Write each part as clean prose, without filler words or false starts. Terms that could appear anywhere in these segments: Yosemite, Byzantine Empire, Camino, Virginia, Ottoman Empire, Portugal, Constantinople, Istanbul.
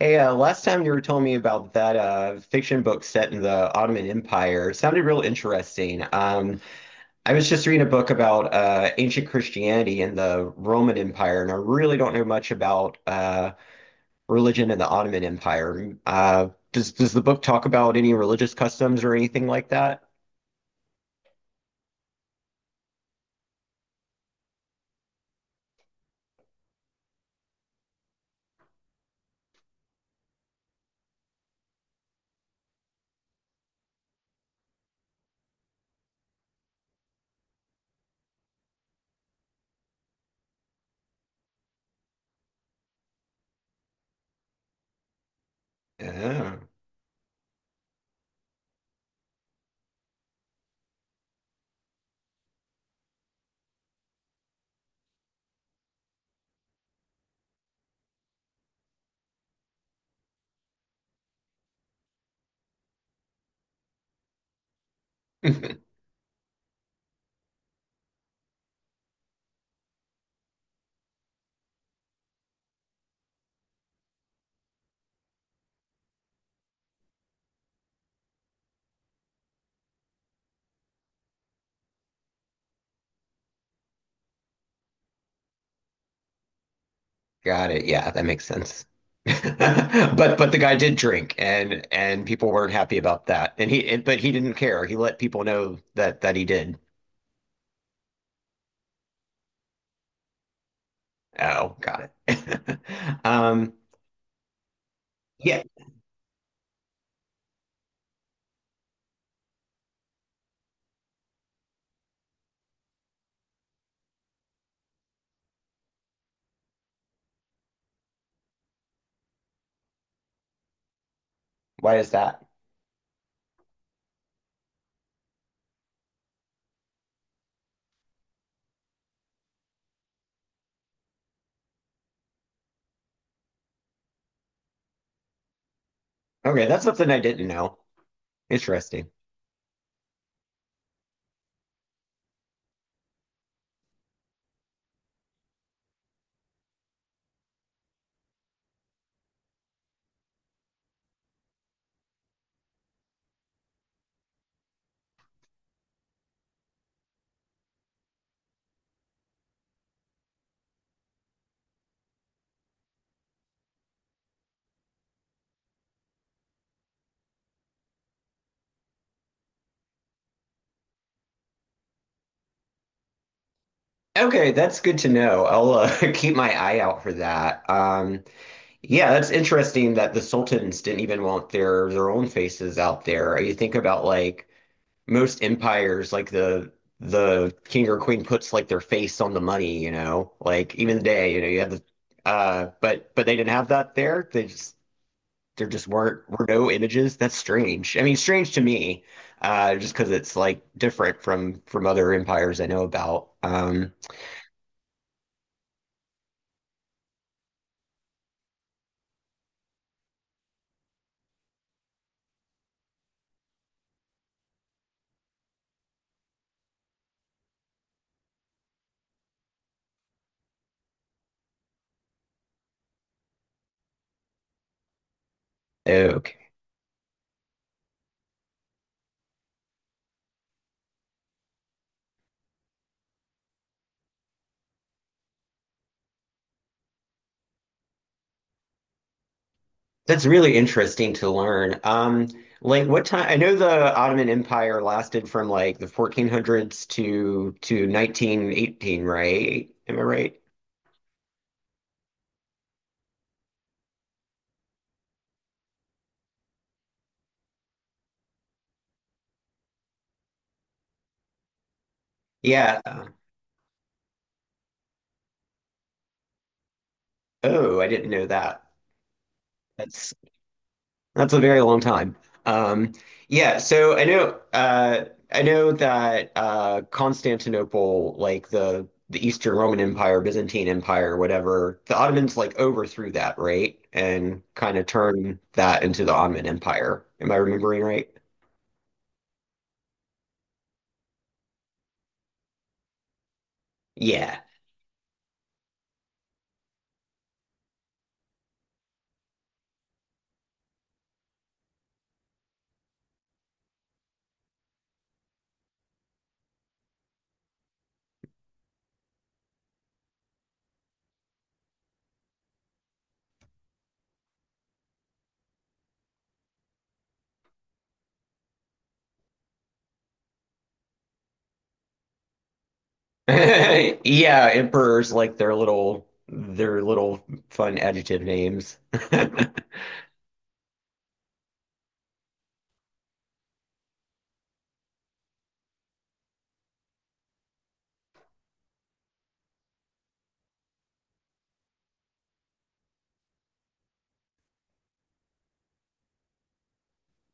Hey, last time you were telling me about that fiction book set in the Ottoman Empire. Sounded real interesting. I was just reading a book about ancient Christianity and the Roman Empire, and I really don't know much about religion in the Ottoman Empire. Does the book talk about any religious customs or anything like that? Yeah. Got it. Yeah, that makes sense. But the guy did drink and people weren't happy about that. And but he didn't care. He let people know that he did. Oh, got it. Um, yeah. Why is that? Okay, that's something I didn't know. Interesting. Okay, that's good to know. I'll keep my eye out for that. Yeah, that's interesting that the sultans didn't even want their own faces out there. You think about like most empires like the king or queen puts like their face on the money, you know. Like even today, you know, you have the uh, but they didn't have that there. They just There just were no images. That's strange. I mean, strange to me, uh, just because it's like different from other empires I know about. Okay. That's really interesting to learn. Like what time? I know the Ottoman Empire lasted from like the 1400s to 1918, right? Am I right? Yeah. Oh, I didn't know that. That's that's a very long time. Um, yeah, so I know that Constantinople, like the Eastern Roman Empire, Byzantine Empire, whatever, the Ottomans like overthrew that, right? And kind of turned that into the Ottoman Empire. Am I remembering right? Yeah. Yeah, emperors like their little fun adjective names.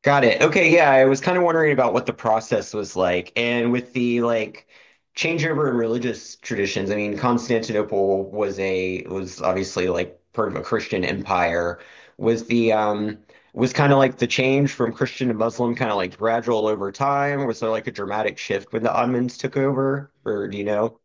Got it. Okay, yeah, I was kind of wondering about what the process was like. And with the like changeover in religious traditions, I mean, Constantinople was obviously like part of a Christian empire. Was the um was kind of like the change from Christian to Muslim kind of like gradual over time? Was there like a dramatic shift when the Ottomans took over? Or do you know?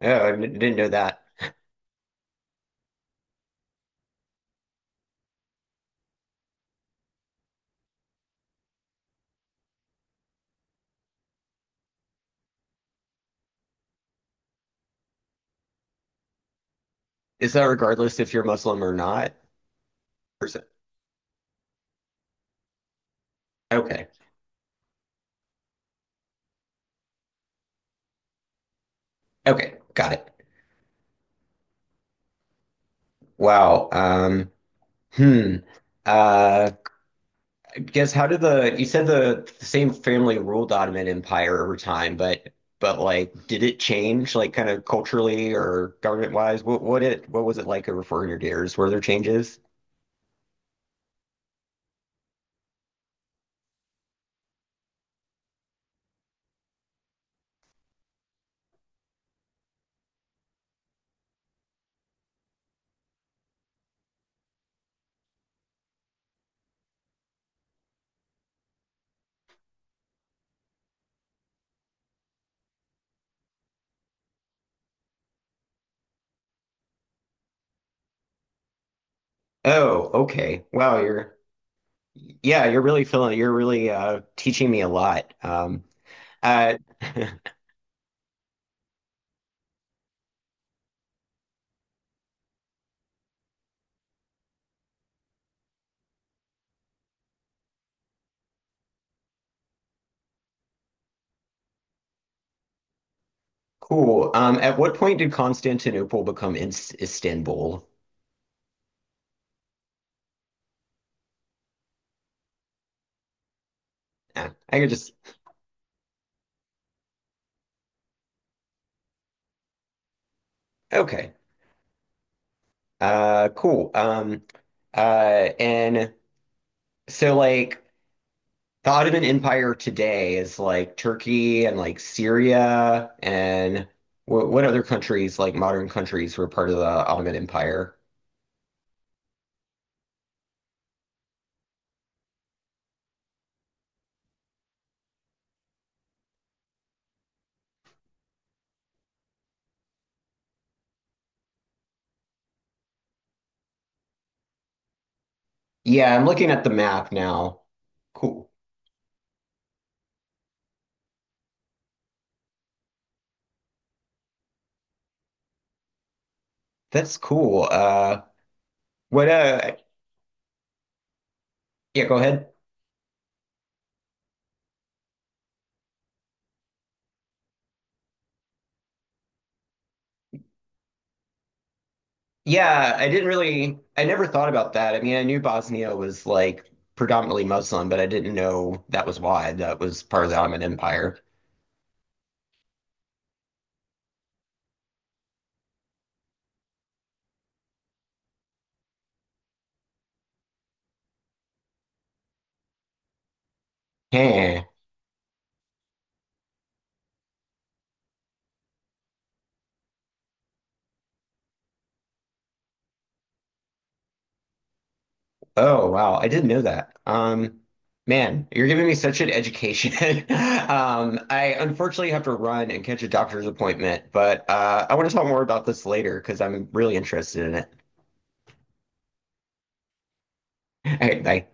Oh, I didn't know that. Is that regardless if you're Muslim or not? Or is it? Okay. Okay, got it. Wow. Hmm. Uh, guess how did the same family ruled the Ottoman Empire over time, but like did it change like kind of culturally or government wise? What was it like over 400 years? Were there changes? Oh, okay. Wow, you're yeah, you're really feeling you're really teaching me a lot. Uh cool. At what point did Constantinople become Ins Istanbul? Ah, I could just okay. Cool. And so like the Ottoman Empire today is like Turkey and like Syria and what other countries, like modern countries, were part of the Ottoman Empire? Yeah, I'm looking at the map now. Cool. That's cool. What, uh, yeah, go ahead. Yeah, I didn't really, I never thought about that. I mean, I knew Bosnia was like predominantly Muslim, but I didn't know that was why that was part of the Ottoman Empire. Huh. Oh wow, I didn't know that. Man, you're giving me such an education. I unfortunately have to run and catch a doctor's appointment, but I want to talk more about this later because I'm really interested in it. All right, bye.